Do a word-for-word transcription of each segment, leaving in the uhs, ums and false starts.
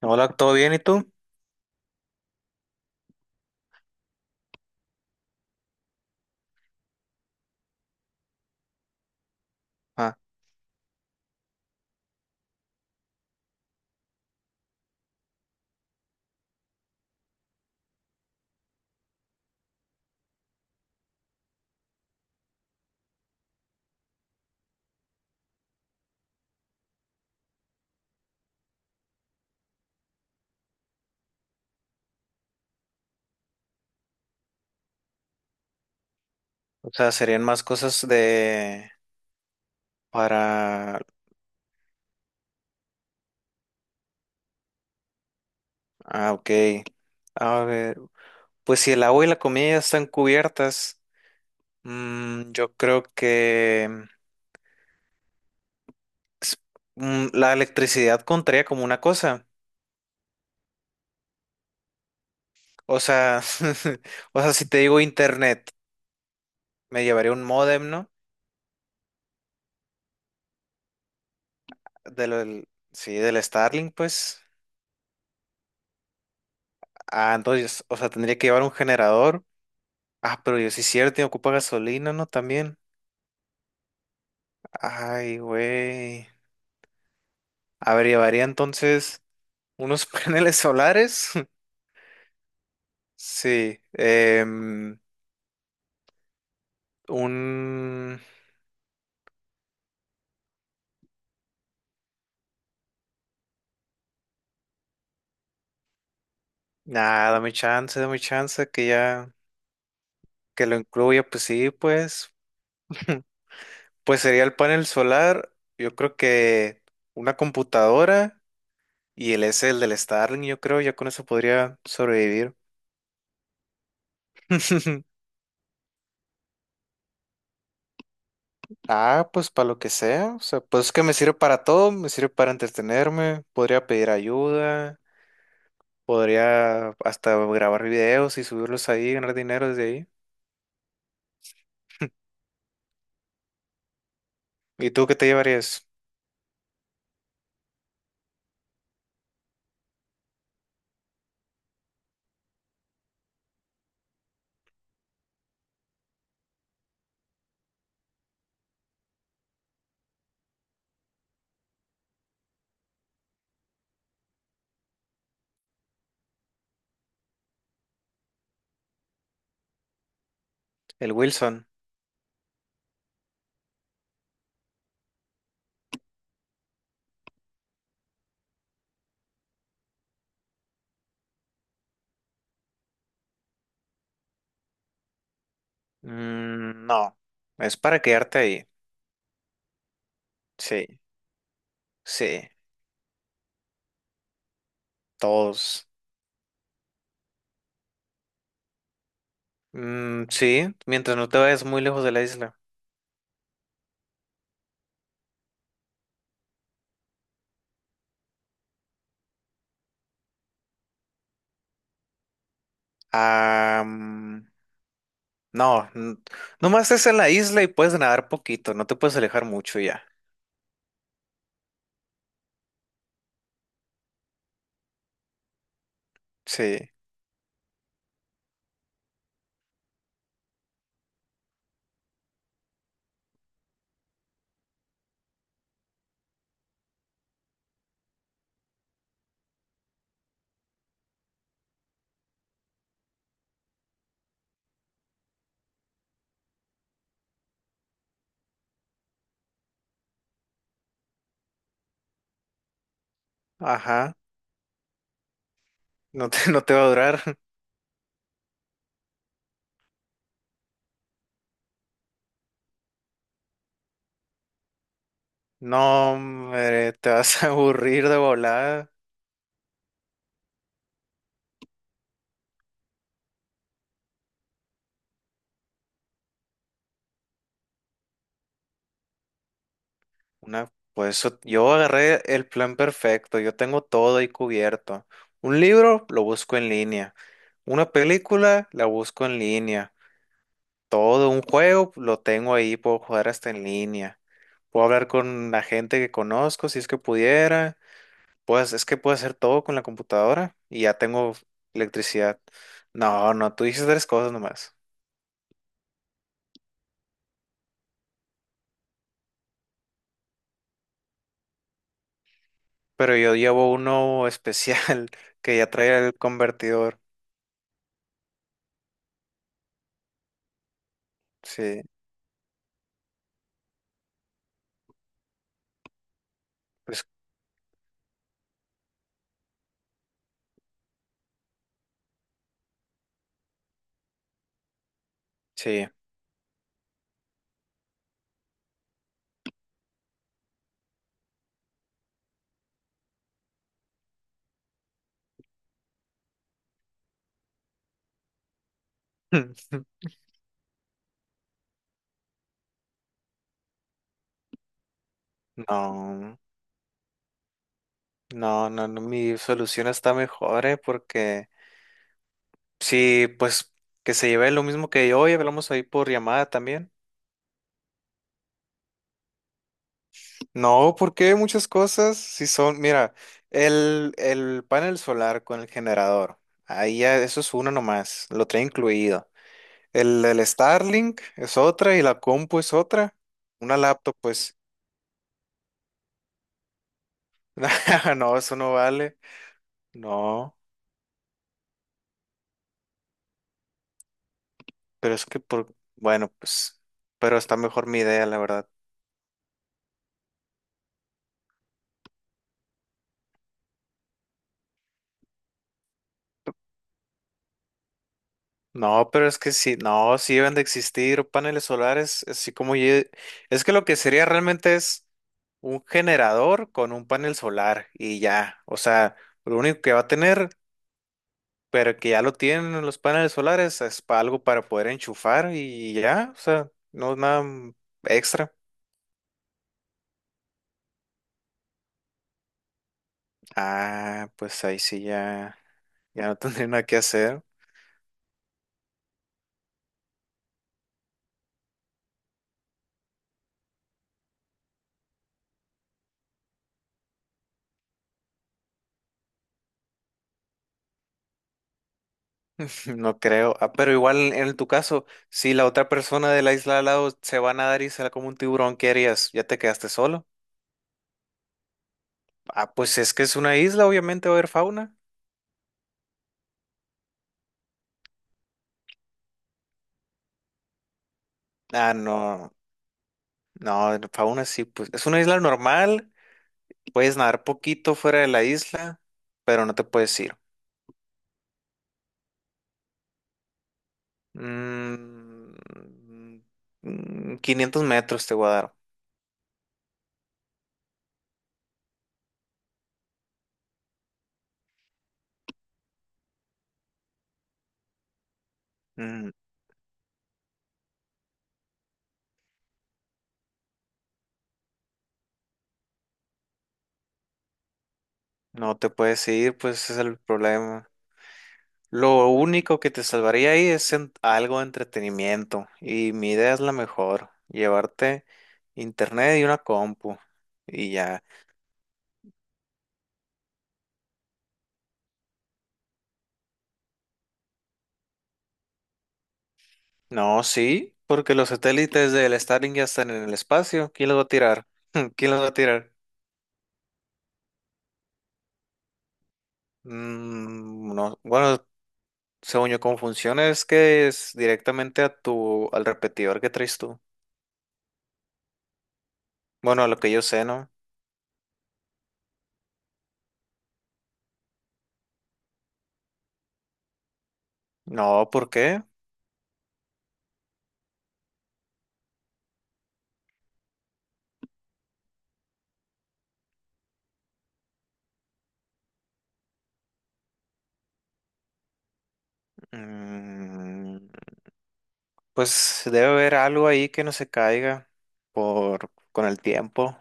Hola, ¿todo bien? ¿Y tú? Ah, o sea, serían más cosas de para. Ah, ok. A ver, pues si el agua y la comida ya están cubiertas, mm, yo creo que mm, s- mm, la electricidad contaría como una cosa. O sea, o sea, si te digo internet, me llevaría un módem, ¿no? Del, sí, del Starlink, pues. Ah, entonces, o sea, tendría que llevar un generador. Ah, pero yo sí es cierto, y ocupa gasolina, ¿no? También. Ay, güey. A ver, llevaría entonces unos paneles solares. Sí. Em, un. Nada, dame chance, dame chance que ya. Que lo incluya, pues sí, pues. Pues sería el panel solar. Yo creo que una computadora y el ese, el del Starlink, yo creo, ya con eso podría sobrevivir. Ah, pues para lo que sea, o sea, pues es que me sirve para todo, me sirve para entretenerme, podría pedir ayuda. Podría hasta grabar videos y subirlos ahí, ganar dinero desde ahí. ¿Y tú qué te llevarías? El Wilson. Mm, no, es para quedarte ahí. Sí, sí, todos. Mm, sí, mientras no te vayas muy lejos de la isla. Ah, mm, no, n- nomás es en la isla y puedes nadar poquito, no te puedes alejar mucho ya. Sí, ajá, no te, no te va a durar. No, hombre, te vas a aburrir de volada. Una, pues eso- yo agarré el plan perfecto, yo tengo todo ahí cubierto. Un libro lo busco en línea, una película la busco en línea, todo un juego lo tengo ahí, puedo jugar hasta en línea. Puedo hablar con la gente que conozco si es que pudiera. Pues es que puedo hacer todo con la computadora y ya tengo electricidad. No, no, tú dices tres cosas nomás. Pero yo llevo uno especial que ya trae el convertidor. Sí, pues sí. No, no, no, no, mi solución está mejor, ¿eh? Porque sí, pues que se lleve lo mismo que yo y hablamos ahí por llamada también. No, porque muchas cosas, si son, mira, el, el panel solar con el generador, ahí ya, eso es uno nomás, lo trae incluido. El, el Starlink es otra y la compu es otra. Una laptop, pues, no, eso no vale. No, pero es que por, bueno, pues, pero está mejor mi idea, la verdad. No, pero es que sí, no, sí deben de existir paneles solares, así como ye- es que lo que sería realmente es un generador con un panel solar y ya, o sea, lo único que va a tener, pero que ya lo tienen en los paneles solares, es pa- algo para poder enchufar y ya, o sea, no es nada mm, extra. Ah, pues ahí sí ya, ya no tendría nada que hacer. No creo. Ah, pero igual en tu caso, si la otra persona de la isla al lado se va a nadar y sale como un tiburón, ¿qué harías? ¿Ya te quedaste solo? Ah, pues es que es una isla, obviamente va a haber fauna. Ah, no. No, fauna sí, pues es una isla normal. Puedes nadar poquito fuera de la isla, pero no te puedes ir. Mm, mm, quinientos metros te voy a dar. Mm, no te puedes ir, pues ese es el problema. Lo único que te salvaría ahí es en- algo de entretenimiento. Y mi idea es la mejor. Llevarte internet y una compu. Y ya. No, sí, porque los satélites del Starlink ya están en el espacio. ¿Quién los va a tirar? ¿Quién los va a tirar? Mm, no. Bueno, según yo, cómo funciona es que es directamente a tu, al repetidor que traes tú. Bueno, a lo que yo sé, ¿no? No, ¿por qué? Mm. Pues debe haber algo ahí que no se caiga por con el tiempo.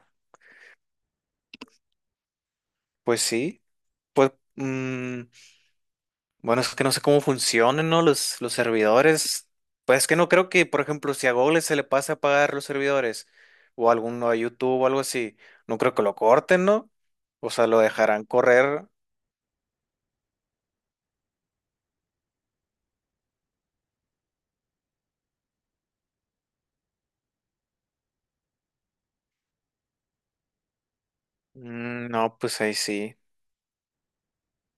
Pues sí, pues mm, bueno, es que no sé cómo funcionan, ¿no? Los, los servidores. Pues es que no creo que, por ejemplo, si a Google se le pasa a apagar los servidores o a alguno a YouTube o algo así, no creo que lo corten, ¿no? O sea, lo dejarán correr. Mm, no, pues ahí sí.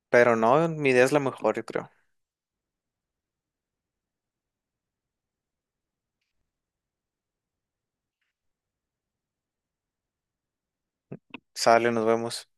Pero no, mi idea es la mejor, yo creo. Sale, nos vemos.